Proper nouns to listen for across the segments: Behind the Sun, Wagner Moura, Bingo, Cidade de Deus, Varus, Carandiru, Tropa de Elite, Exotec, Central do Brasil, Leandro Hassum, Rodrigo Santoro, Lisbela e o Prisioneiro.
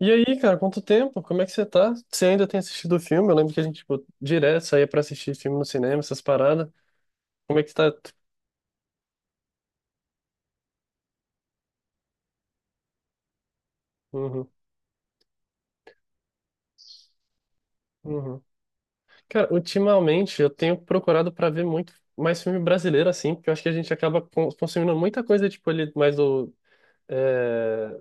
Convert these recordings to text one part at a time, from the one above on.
E aí, cara, quanto tempo? Como é que você tá? Você ainda tem assistido o filme? Eu lembro que a gente, tipo, direto saía pra assistir filme no cinema, essas paradas. Como é que tá? Uhum, uhum. Cara, ultimamente eu tenho procurado pra ver muito mais filme brasileiro, assim, porque eu acho que a gente acaba consumindo muita coisa, tipo, ali mais do, é,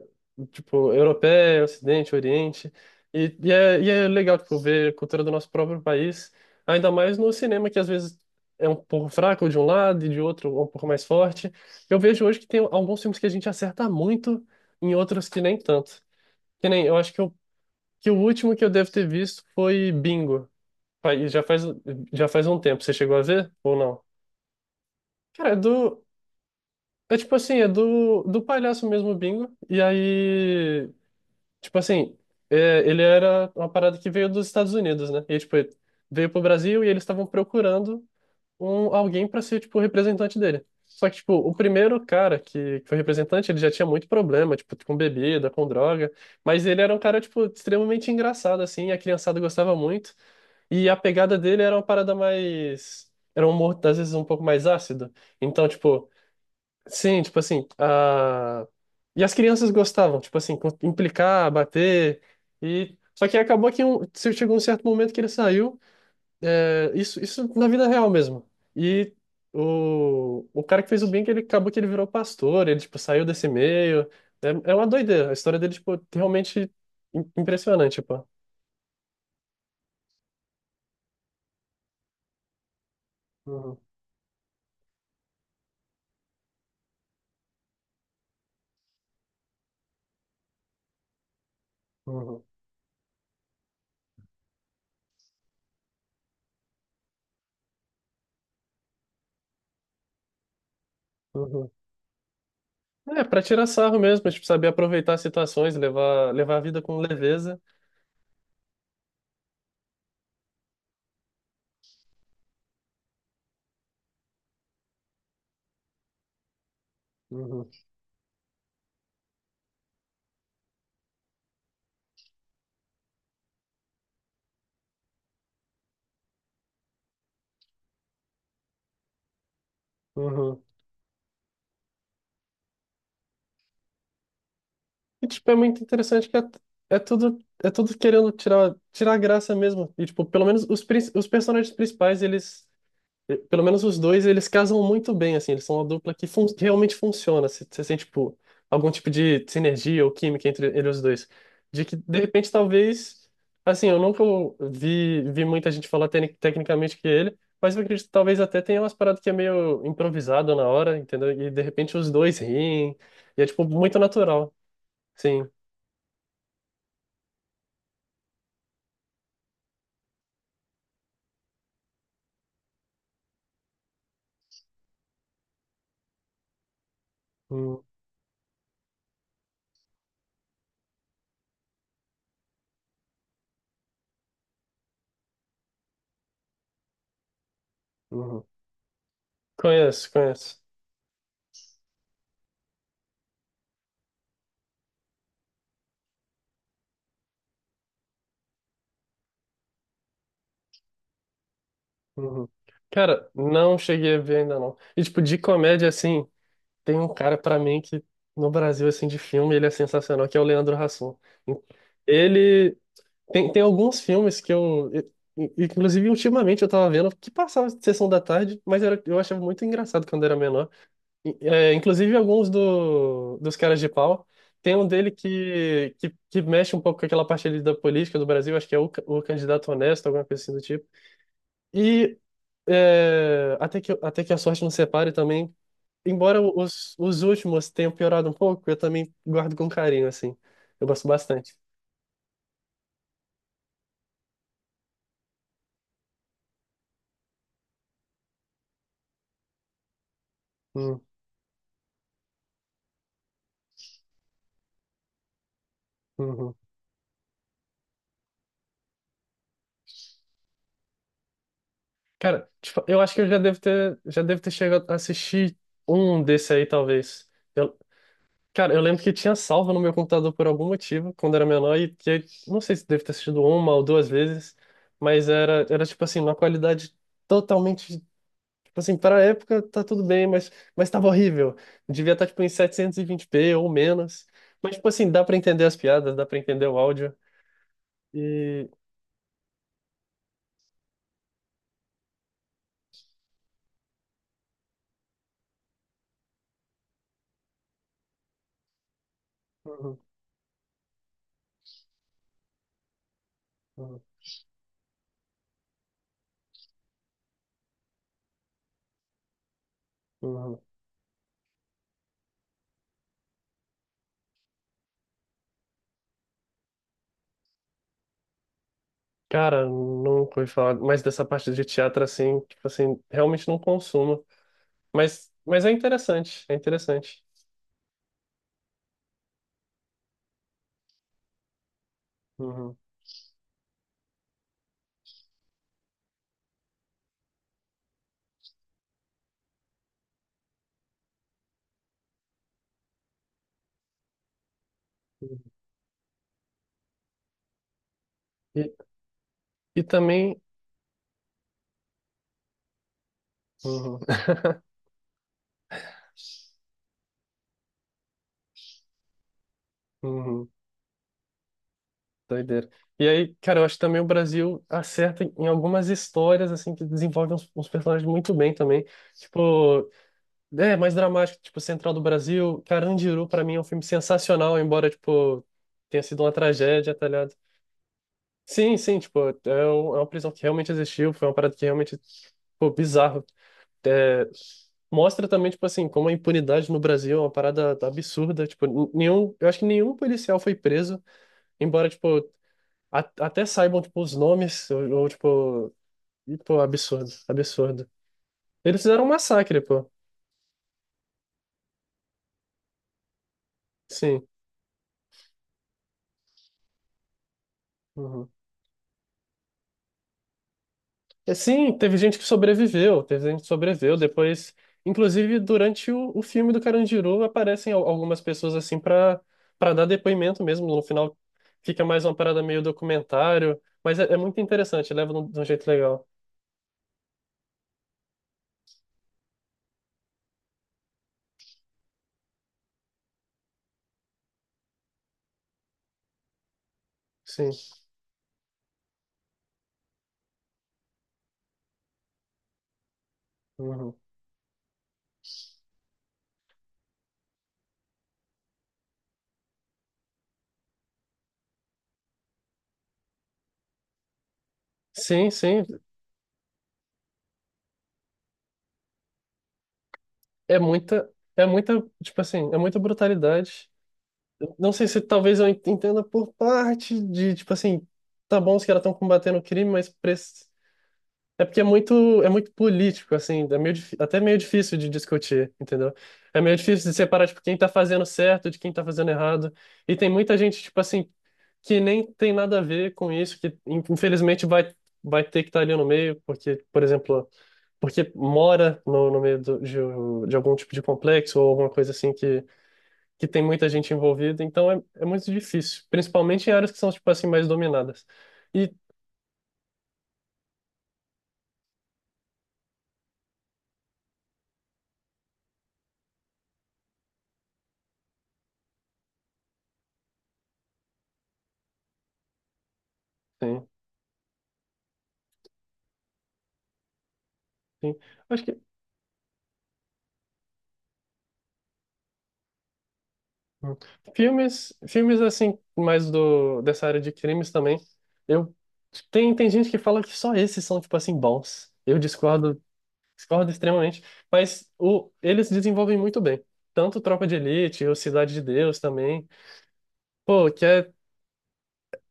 tipo, europeia, Ocidente, Oriente. E é legal, tipo, ver a cultura do nosso próprio país, ainda mais no cinema, que às vezes é um pouco fraco de um lado e de outro um pouco mais forte. Eu vejo hoje que tem alguns filmes que a gente acerta muito em outros que nem tanto. Que nem, eu acho que o último que eu devo ter visto foi Bingo. Faz- Já faz, já faz um tempo. Você chegou a ver ou não? Cara, é do. É tipo assim, é do palhaço mesmo, o Bingo. E aí, tipo assim, ele era uma parada que veio dos Estados Unidos, né? E, tipo, ele veio pro Brasil e eles estavam procurando alguém para ser, tipo, o representante dele. Só que, tipo, o primeiro cara que foi representante, ele já tinha muito problema, tipo, com bebida, com droga. Mas ele era um cara, tipo, extremamente engraçado, assim, a criançada gostava muito. E a pegada dele era uma parada mais. Era um humor, às vezes, um pouco mais ácido. Então, tipo, sim, tipo assim, e as crianças gostavam, tipo assim, implicar, bater, e só que acabou que chegou um certo momento que ele saiu, é, isso na vida real mesmo, e o cara que fez o bem, que ele acabou que ele virou pastor, ele, tipo, saiu desse meio, é, uma doideira, a história dele, tipo, realmente impressionante, pô. Uhum, uhum, uhum. É, pra tirar sarro mesmo, tipo, saber aproveitar as situações, levar a vida com leveza. Uhum, uhum. E, tipo, é muito interessante que é tudo querendo tirar graça mesmo. E tipo, pelo menos os os personagens principais, eles pelo menos os dois, eles casam muito bem assim, eles são uma dupla que realmente funciona. Você sente tipo algum tipo de sinergia ou química entre os dois. De que de repente talvez assim, eu nunca vi muita gente falar tecnicamente que é ele, mas eu acredito que talvez até tenha umas paradas que é meio improvisado na hora, entendeu? E de repente os dois riem. E é, tipo, muito natural. Sim. Hum, uhum. Conheço, conheço. Uhum. Cara, não cheguei a ver ainda não. E tipo, de comédia, assim, tem um cara pra mim que no Brasil, assim, de filme, ele é sensacional, que é o Leandro Hassum. Ele tem alguns filmes inclusive, ultimamente eu tava vendo que passava sessão da tarde, mas eu achava muito engraçado quando era menor. É, inclusive alguns dos caras de pau. Tem um dele que mexe um pouco com aquela parte ali da política do Brasil, acho que é o candidato honesto, alguma coisa assim do tipo. E até que a sorte nos separe também, embora os últimos tenham piorado um pouco, eu também guardo com carinho, assim. Eu gosto bastante. Hum, uhum. Cara, tipo, eu acho que eu já devo ter chegado a assistir um desse aí, talvez. Cara, eu lembro que tinha salvo no meu computador por algum motivo, quando era menor, e que não sei se deve ter assistido uma ou duas vezes, mas era tipo assim, uma qualidade totalmente, tipo assim, para a época tá tudo bem, mas, tava horrível. Devia estar tipo em 720p ou menos. Mas tipo assim, dá para entender as piadas, dá para entender o áudio. E Uhum, uhum, uhum. Cara, nunca ouvi falar mais dessa parte de teatro assim, tipo assim, realmente não consumo, mas é interessante, é interessante. Uhum. E também. Uhum, uhum, doideira. E aí, cara, eu acho que também o Brasil acerta em algumas histórias, assim, que desenvolvem uns personagens muito bem também. Tipo, é mais dramático, tipo, Central do Brasil. Carandiru, pra mim, é um filme sensacional, embora, tipo, tenha sido uma tragédia, tá ligado? Sim, sim, tipo, é uma prisão que realmente existiu, foi uma parada que realmente, pô, bizarro. É, mostra também, tipo assim, como a impunidade no Brasil é uma parada absurda. Tipo, eu acho que nenhum policial foi preso. Embora, tipo, até saibam, tipo, os nomes, ou, tipo, e, pô, absurdo, absurdo. Eles fizeram um massacre, pô. Sim. Uhum. E, sim, teve gente que sobreviveu, teve gente que sobreviveu depois. Inclusive, durante o filme do Carandiru, aparecem algumas pessoas, assim, pra, dar depoimento mesmo. No final, fica mais uma parada meio documentário. Mas é muito interessante, leva de um jeito legal. Sim. Uhum. Sim, sim. É muita, é muita, tipo assim, é muita brutalidade. Não sei se talvez eu entenda por parte de, tipo assim, tá bom, os caras estão combatendo o crime, mas é porque é muito político, assim, é até meio difícil de discutir, entendeu? É meio difícil de separar, tipo, quem tá fazendo certo de quem tá fazendo errado. E tem muita gente, tipo assim, que nem tem nada a ver com isso, que infelizmente vai, vai ter que estar ali no meio, porque, por exemplo, porque mora no meio de algum tipo de complexo ou alguma coisa assim que tem muita gente envolvida, então é muito difícil, principalmente em áreas que são, tipo assim, mais dominadas. E sim, sim. Acho que hum, filmes assim, mais do dessa área de crimes também. Eu tem tem gente que fala que só esses são tipo assim bons. Eu discordo, discordo extremamente, mas o eles desenvolvem muito bem. Tanto Tropa de Elite, ou Cidade de Deus também. Pô, que é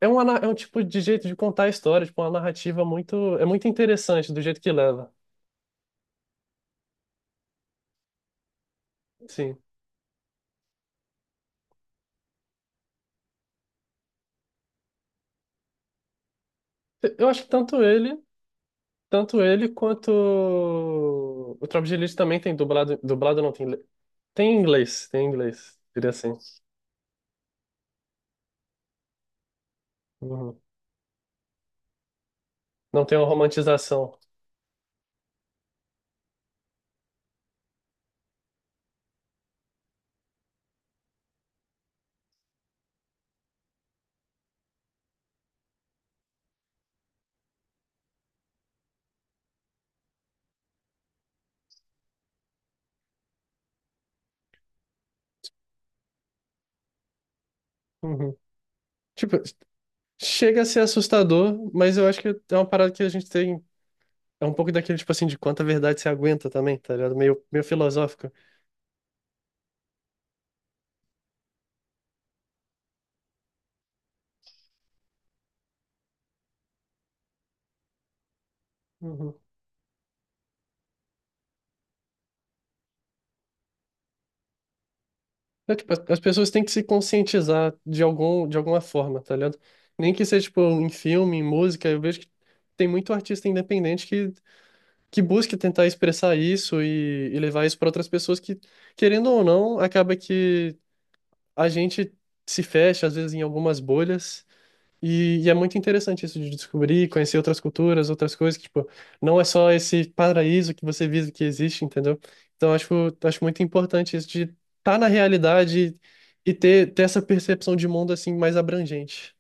É um tipo de jeito de contar a história, tipo, uma narrativa é muito interessante do jeito que leva. Sim. Eu acho que tanto ele quanto o Tropa de Elite também tem dublado, dublado não tem, tem em inglês, diria assim. Uhum. Não tem uma romantização. Uhum. Tipo, chega a ser assustador, mas eu acho que é uma parada que a gente tem, é um pouco daquele tipo assim de quanta verdade você aguenta também, tá ligado? Meio filosófico. Uhum. É, tipo, as pessoas têm que se conscientizar de algum, de alguma forma, tá ligado? Nem que seja tipo em filme, em música, eu vejo que tem muito artista independente que busque tentar expressar isso e levar isso para outras pessoas que, querendo ou não, acaba que a gente se fecha, às vezes, em algumas bolhas. E é muito interessante isso de descobrir, conhecer outras culturas, outras coisas, que, tipo, não é só esse paraíso que você visa que existe, entendeu? Então, acho muito importante isso de estar na realidade e ter essa percepção de mundo, assim, mais abrangente.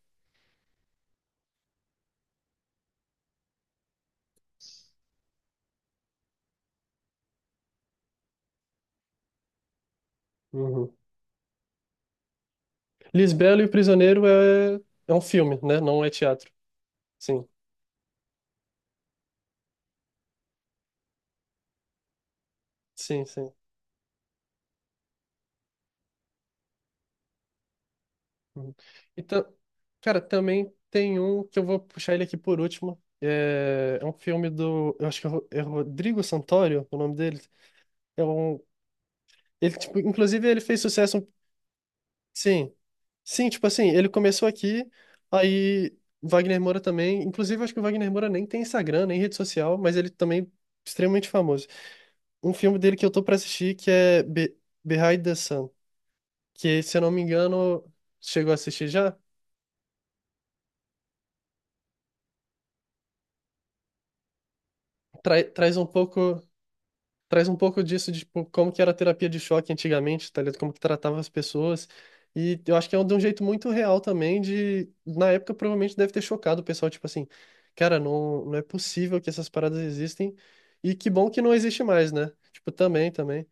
Uhum. Lisbela e o Prisioneiro é um filme, né? Não é teatro. Sim, sim, sim. Uhum. Então, cara, também tem um que eu vou puxar ele aqui por último. É um filme do. Eu acho que é Rodrigo Santoro, o nome dele. É um. Ele, tipo, inclusive, ele fez sucesso. Sim. Sim, tipo assim, ele começou aqui, aí Wagner Moura também. Inclusive, eu acho que o Wagner Moura nem tem Instagram, nem rede social, mas ele também é extremamente famoso. Um filme dele que eu tô pra assistir que é Be Behind the Sun, que, se eu não me engano, chegou a assistir já. Traz um pouco. Traz um pouco disso de tipo, como que era a terapia de choque antigamente, tá ligado? Como que tratava as pessoas. E eu acho que é de um jeito muito real também de, na época provavelmente deve ter chocado o pessoal, tipo assim, cara, não, não é possível que essas paradas existem e que bom que não existe mais, né? Tipo, também, também.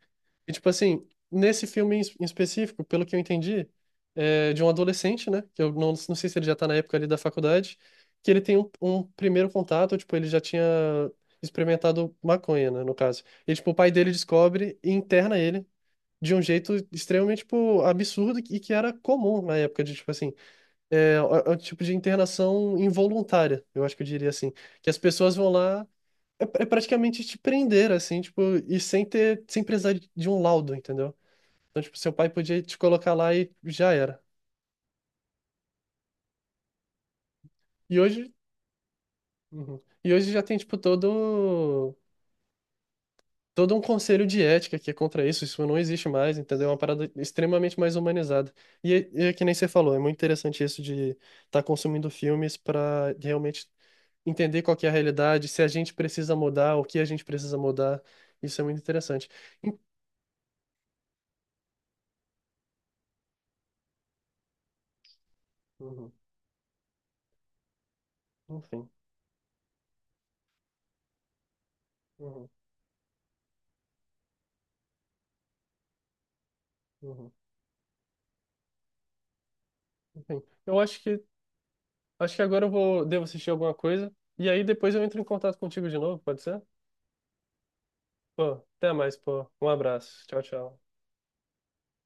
E tipo assim, nesse filme em específico, pelo que eu entendi, é de um adolescente, né? Que eu não sei se ele já tá na época ali da faculdade, que ele tem um primeiro contato, tipo, ele já tinha experimentado maconha, né, no caso. E, tipo, o pai dele descobre e interna ele de um jeito extremamente, tipo, absurdo e que era comum na época de, tipo assim, é um tipo de internação involuntária, eu acho que eu diria assim, que as pessoas vão lá é praticamente te prender, assim, tipo, e sem ter, sem precisar de um laudo, entendeu? Então, tipo, seu pai podia te colocar lá e já era. E hoje, uhum, e hoje já tem, tipo, todo um conselho de ética que é contra isso, isso não existe mais, entendeu? É uma parada extremamente mais humanizada. E é que nem você falou, é muito interessante isso de estar consumindo filmes para realmente entender qual que é a realidade, se a gente precisa mudar, o que a gente precisa mudar. Isso é muito interessante. En- Uhum, enfim, uhum, uhum, enfim. Eu acho que agora eu vou devo assistir alguma coisa e aí depois eu entro em contato contigo de novo, pode ser? Pô, até mais, pô. Um abraço. Tchau, tchau.